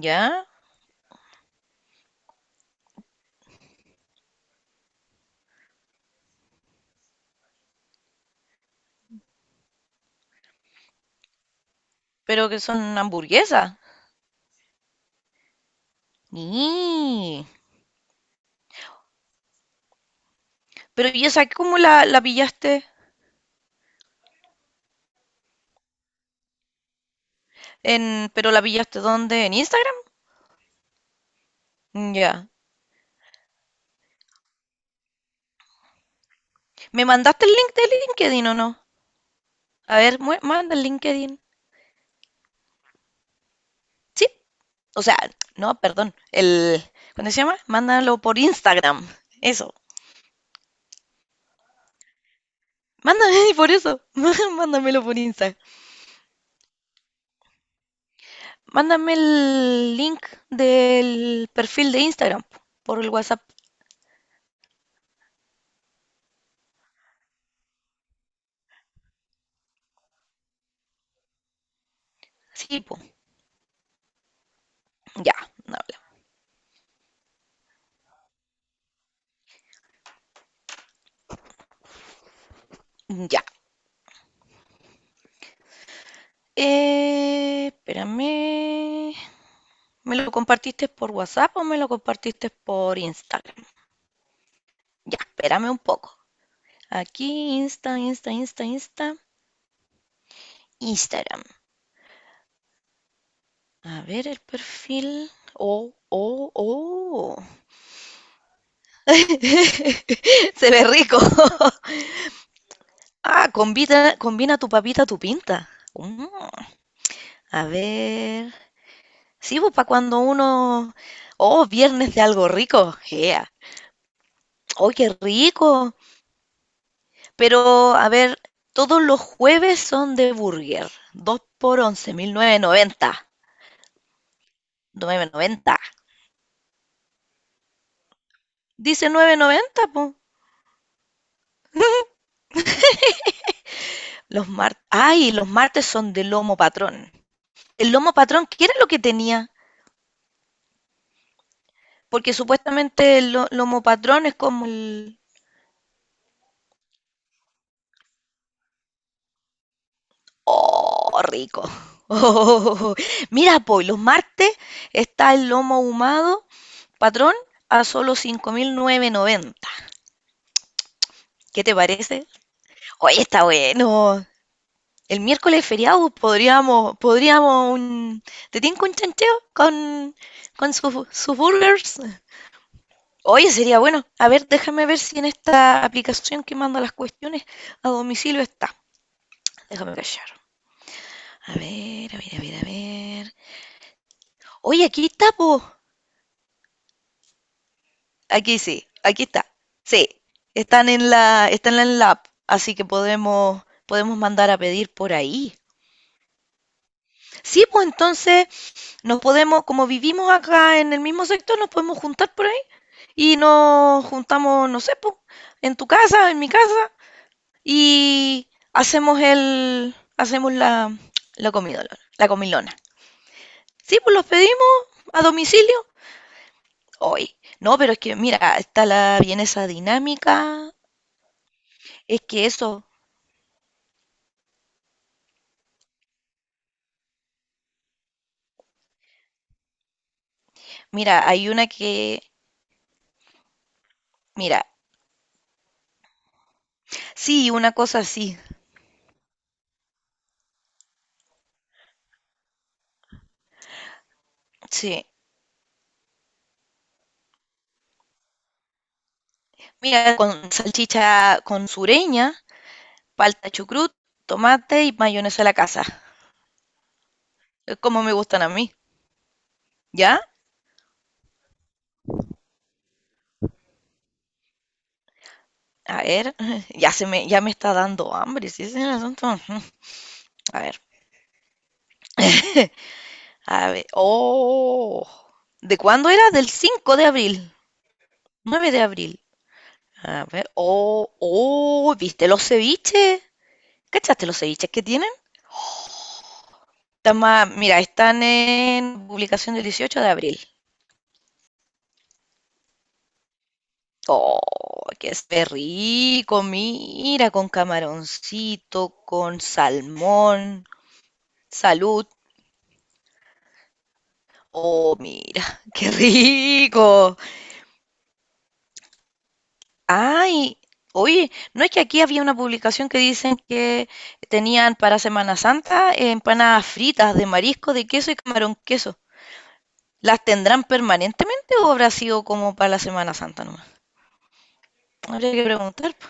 ¿Ya? Pero que son hamburguesas. Y, pero ¿y esa cómo la pillaste? En, ¿pero la pillaste dónde? ¿En Instagram? Mm, ya. ¿Me mandaste el link de LinkedIn o no? A ver, manda el LinkedIn. Sí. O sea, no, perdón. El, ¿cuándo se llama? Mándalo por Instagram. Eso. Mándame por eso. Mándamelo por Instagram. Mándame el link del perfil de Instagram po, por el WhatsApp. Sí, po. Ya, no habla. Ya. Espérame. ¿Me lo compartiste por WhatsApp o me lo compartiste por Instagram? Ya, espérame un poco. Aquí, Insta, Insta, Insta, Insta, Instagram. A ver el perfil. Oh, oh, oh. Se ve rico. Ah, combina, combina tu papita, tu pinta. Mm, a ver. Sí, pues para cuando uno. Oh, viernes de algo rico. Yeah. Oh, qué rico. Pero, a ver, todos los jueves son de burger. Dos por once mil novecientos noventa, 1990. Noventa, dice nueve noventa, po. Los martes. Ay, los martes son de lomo patrón. El lomo patrón, ¿qué era lo que tenía? Porque supuestamente el lomo patrón es como el. ¡Oh, rico! Oh, mira, po, y los martes está el lomo ahumado patrón a solo 5.990. ¿Qué te parece? Oye, está bueno. El miércoles feriado, podríamos un. ¿Te tinca un chancheo con sus, sus burgers? Oye, sería bueno. A ver, déjame ver si en esta aplicación que manda las cuestiones a domicilio está. Déjame callar. A ver, a ver, a ver, a ver. Oye, aquí está, po. Aquí sí, aquí está. Sí, están en la app, así que podemos, podemos mandar a pedir por ahí. Sí, pues entonces nos podemos, como vivimos acá en el mismo sector, nos podemos juntar por ahí y nos juntamos, no sé, po, en tu casa, en mi casa y hacemos el, hacemos la, la comidolona, la comilona. Sí, pues los pedimos a domicilio hoy. No, pero es que mira, está la vienesa dinámica, es que eso, mira, hay una que, mira, sí, una cosa así, sí. Mira, con salchicha con sureña, falta chucrut, tomate y mayonesa a la casa. Es como me gustan a mí. ¿Ya? A ver, ya se me, ya me está dando hambre, si ese es el asunto. Ujú. A ver, a ver. Oh. ¿De cuándo era? Del 5 de abril. 9 de abril. A ver. Oh, oh, ¿viste los ceviches? ¿Cachaste los ceviches que tienen? Están más- mira, están en publicación del 18 de abril. Oh, qué se ve rico, mira, con camaroncito, con salmón. Salud. Oh, mira, qué rico. Ay, oye, ¿no es que aquí había una publicación que dicen que tenían para Semana Santa empanadas fritas de marisco, de queso y camarón queso? ¿Las tendrán permanentemente o habrá sido como para la Semana Santa nomás? Habría que preguntar, po.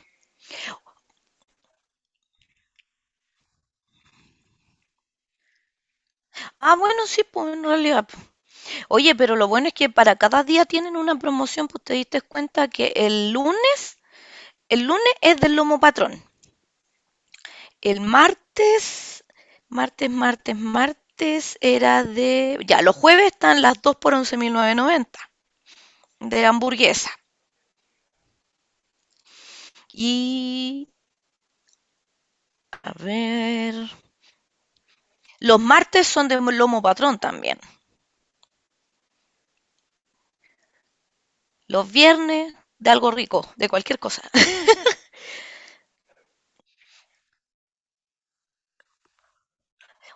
Ah, bueno, sí, pues en realidad, po. Oye, pero lo bueno es que para cada día tienen una promoción, pues te diste cuenta que el lunes es del lomo patrón. El martes, martes era de... Ya, los jueves están las 2 por 11.990 de hamburguesa. Y... A ver... Los martes son de lomo patrón también. Los viernes de algo rico, de cualquier cosa.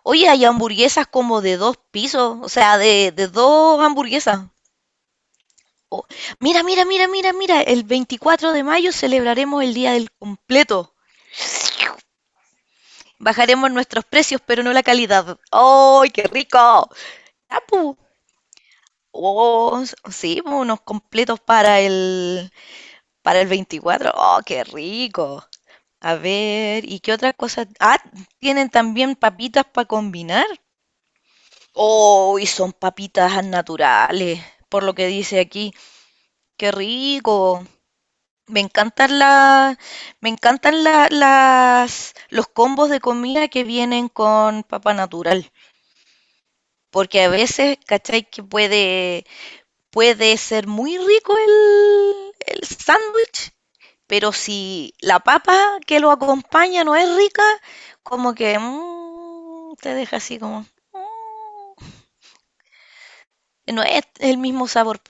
Oye, hay hamburguesas como de dos pisos, o sea, de dos hamburguesas. Oh, mira, el 24 de mayo celebraremos el Día del Completo. Bajaremos nuestros precios, pero no la calidad. ¡Ay, qué rico! Tapu, oh, sí, unos completos para el 24. ¡Oh, qué rico! A ver, ¿y qué otra cosa? Ah, tienen también papitas para combinar. ¡Oh, y son papitas naturales! Por lo que dice aquí. ¡Qué rico! Me encantan las, me encantan las, los combos de comida que vienen con papa natural. Porque a veces, ¿cachai? Que puede, puede ser muy rico el sándwich, pero si la papa que lo acompaña no es rica, como que mm, te deja así como... mm, no es el mismo sabor.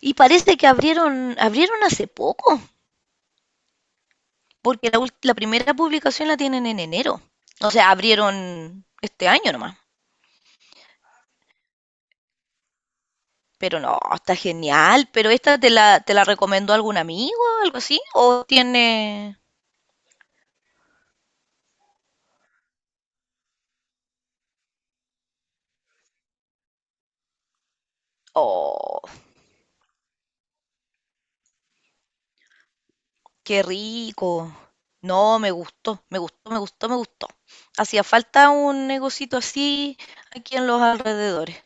Y parece que abrieron, abrieron hace poco, porque la, la primera publicación la tienen en enero. O sea, abrieron este año nomás. Pero no, está genial. ¿Pero esta te la recomendó algún amigo o algo así? ¿O tiene...? Oh, qué rico. No, me gustó. Hacía falta un negocito así aquí en los alrededores.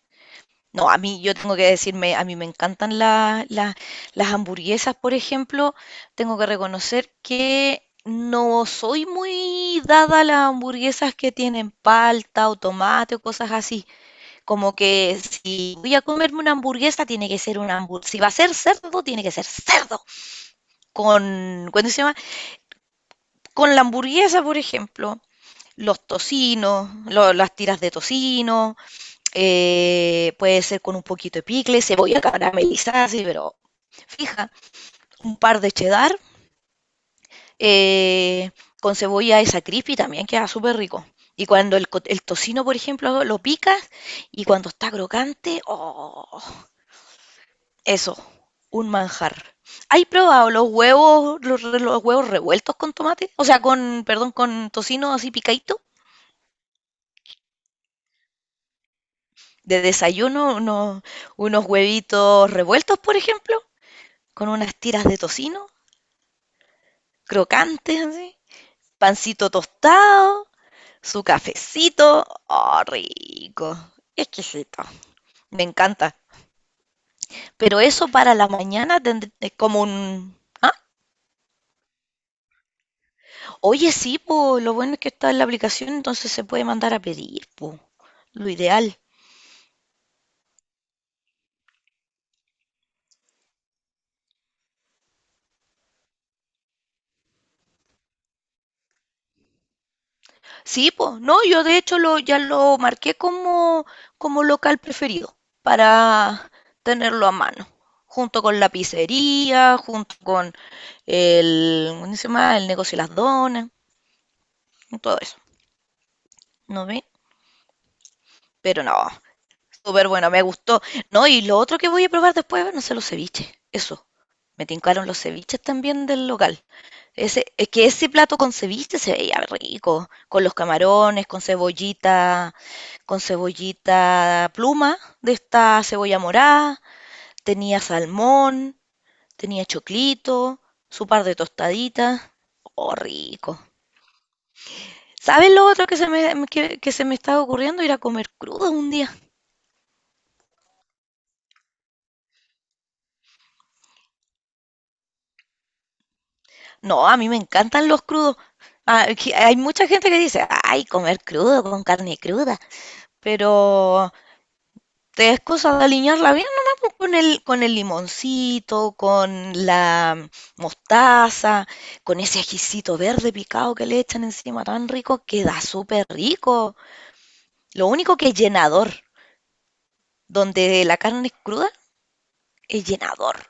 No, a mí, yo tengo que decirme, a mí me encantan las hamburguesas, por ejemplo. Tengo que reconocer que no soy muy dada a las hamburguesas que tienen palta o tomate o cosas así. Como que si voy a comerme una hamburguesa, tiene que ser una hamburguesa. Si va a ser cerdo, tiene que ser cerdo. Con, ¿cuándo se llama? Con la hamburguesa, por ejemplo. Los tocinos, las tiras de tocino, puede ser con un poquito de picle, cebolla caramelizada, así, pero fija, un par de cheddar, eh, con cebolla esa crispy también queda súper rico. Y cuando el, el tocino, por ejemplo, lo picas y cuando está crocante, ¡oh! Eso, un manjar. ¿Hay probado los huevos, los, los huevos revueltos con tomate? O sea, con, perdón, con tocino así picadito. De desayuno, unos, unos huevitos revueltos, por ejemplo, con unas tiras de tocino, crocantes, así, pancito tostado, su cafecito. ¡Oh, rico! Exquisito. Me encanta. Pero eso para la mañana es como un, oye, sí, po, lo bueno es que está en la aplicación, entonces se puede mandar a pedir, po, lo ideal. Sí, po, no, yo de hecho lo, ya lo marqué como, como local preferido para tenerlo a mano, junto con la pizzería, junto con el, ¿cómo se llama? El negocio de las donas, y todo eso, ¿no ve? Pero no, súper bueno, me gustó. No, y lo otro que voy a probar después, no sé, los ceviches, eso, me tincaron los ceviches también del local. Ese, es que ese plato con ceviche se veía rico, con los camarones, con cebollita pluma de esta cebolla morada, tenía salmón, tenía choclito, su par de tostaditas. Oh, rico. ¿Sabes lo otro que se me estaba ocurriendo? Ir a comer crudo un día. No, a mí me encantan los crudos. Ah, que hay mucha gente que dice, ay, comer crudo con carne cruda, pero te es cosa de aliñarla bien nomás pues, con el limoncito, con la mostaza, con ese ajicito verde picado que le echan encima tan rico, queda súper rico. Lo único que es llenador, donde la carne es cruda, es llenador.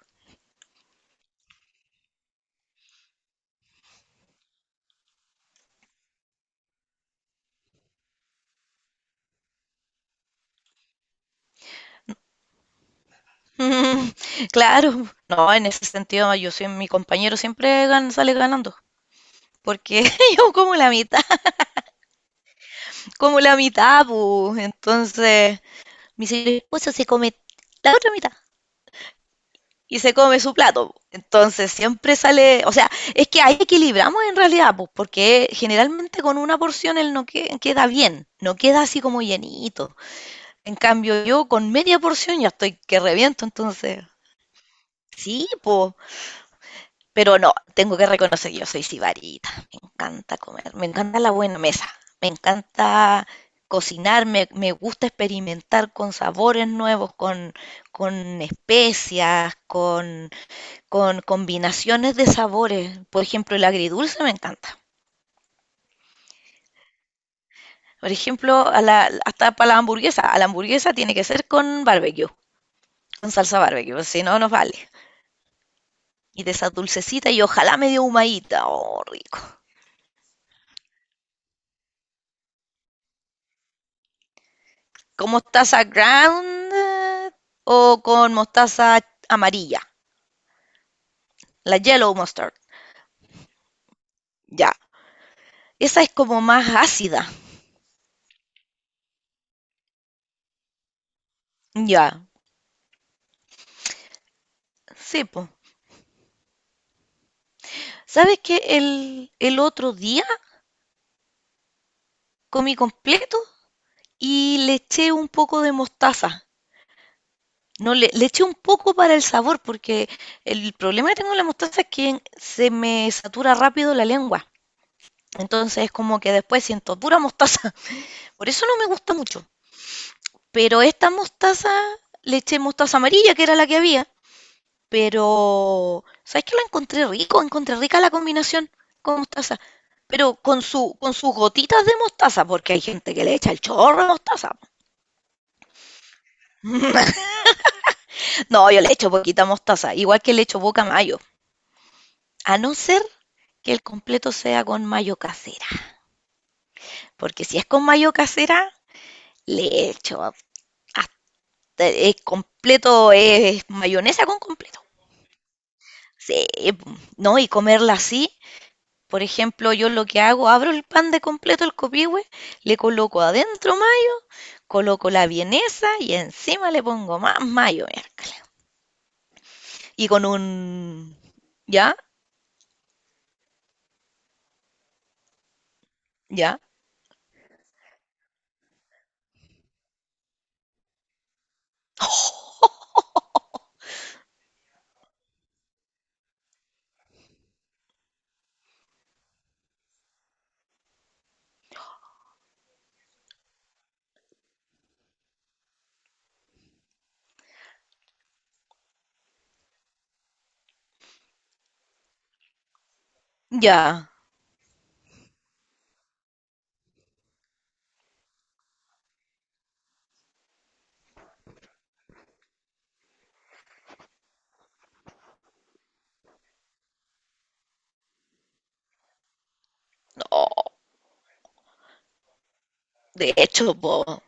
Mm, claro, no, en ese sentido yo soy, mi compañero siempre sale ganando, porque yo como la mitad, pu. Entonces, mi señor esposo se come la otra mitad. Y se come su plato, po. Entonces siempre sale, o sea, es que ahí equilibramos en realidad, pues, porque generalmente con una porción él no queda bien, no queda así como llenito. En cambio yo con media porción ya estoy que reviento, entonces sí, pues, pero no, tengo que reconocer que yo soy sibarita, me encanta comer, me encanta la buena mesa, me encanta cocinar, me gusta experimentar con sabores nuevos, con especias, con combinaciones de sabores. Por ejemplo, el agridulce me encanta. Por ejemplo, a la, hasta para la hamburguesa. A la hamburguesa tiene que ser con barbecue, con salsa barbecue, si no, no vale. Y de esa dulcecita y ojalá medio humadita. Oh, rico. Con mostaza ground o con mostaza amarilla. La yellow mustard. Ya. Esa es como más ácida. Ya. Sí, po. ¿Sabes qué? El otro día comí completo y le eché un poco de mostaza. No, le eché un poco para el sabor, porque el problema que tengo con la mostaza es que se me satura rápido la lengua. Entonces es como que después siento pura mostaza. Por eso no me gusta mucho. Pero esta mostaza, le eché mostaza amarilla, que era la que había. Pero, ¿sabes qué? Lo encontré rico, encontré rica la combinación con mostaza. Pero con su, con sus gotitas de mostaza, porque hay gente que le echa el chorro de mostaza. No, yo le echo poquita mostaza, igual que le echo poca mayo, a no ser que el completo sea con mayo casera, porque si es con mayo casera, le echo hasta el completo, es mayonesa con completo. Sí, pum. No, y comerla así, por ejemplo, yo lo que hago, abro el pan de completo, el copihue, le coloco adentro mayo, coloco la vienesa y encima le pongo más mayo, miércoles. Y con un... ¿Ya? ¿Ya? Ya. No, de hecho, po,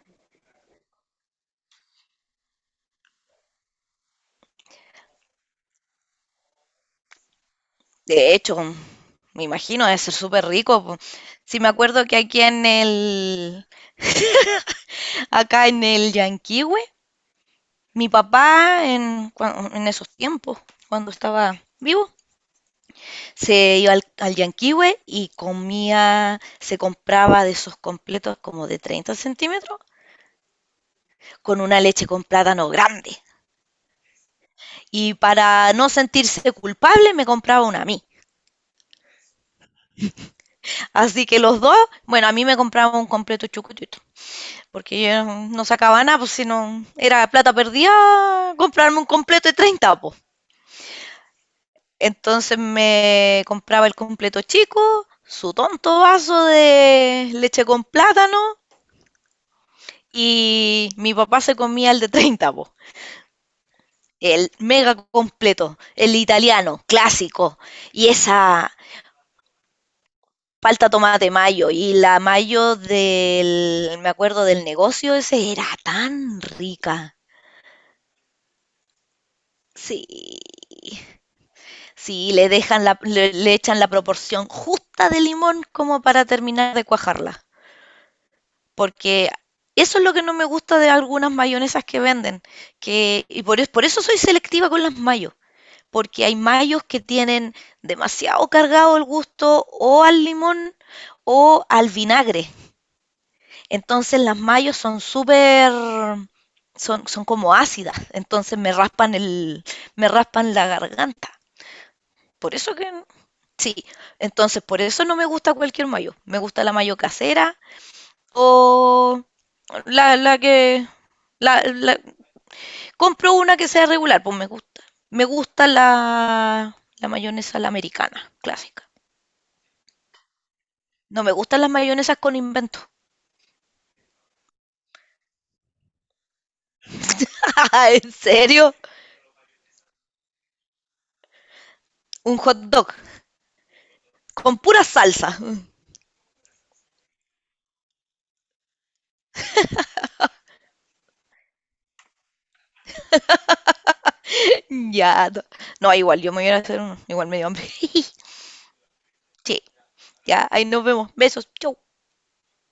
de hecho, me imagino debe ser súper rico, po. Sí, me acuerdo que aquí en el, acá en el Llanquihue, mi papá en, en esos tiempos, cuando estaba vivo, se iba al, al Llanquihue y comía, se compraba de esos completos como de 30 centímetros, con una leche con plátano grande. Y para no sentirse culpable, me compraba una a mí. Así que los dos, bueno, a mí me compraba un completo chucutito. Porque yo no sacaba nada, pues si no era plata perdida, comprarme un completo de 30 pues. Entonces me compraba el completo chico, su tonto vaso de leche con plátano y mi papá se comía el de 30 po. El mega completo, el italiano, clásico. Y esa palta tomate mayo y la mayo del, me acuerdo del negocio, ese era tan rica. Sí, sí, le dejan la, le echan la proporción justa de limón como para terminar de cuajarla. Porque eso es lo que no me gusta de algunas mayonesas que venden. Que, y por, por eso soy selectiva con las mayos. Porque hay mayos que tienen demasiado cargado el gusto o al limón o al vinagre. Entonces las mayos son súper, son, son como ácidas. Entonces me raspan el, me raspan la garganta. Por eso que sí, entonces por eso no me gusta cualquier mayo. Me gusta la mayo casera o la que... La- compro una que sea regular, pues me gusta. Me gusta la, la mayonesa la americana, clásica. No me gustan las mayonesas con invento. ¿En serio? Un hot dog con pura salsa. Ya. No, no, igual, yo me voy a ir a hacer uno. Igual me dio hambre. Sí, ya, ahí nos vemos. Besos. Chau.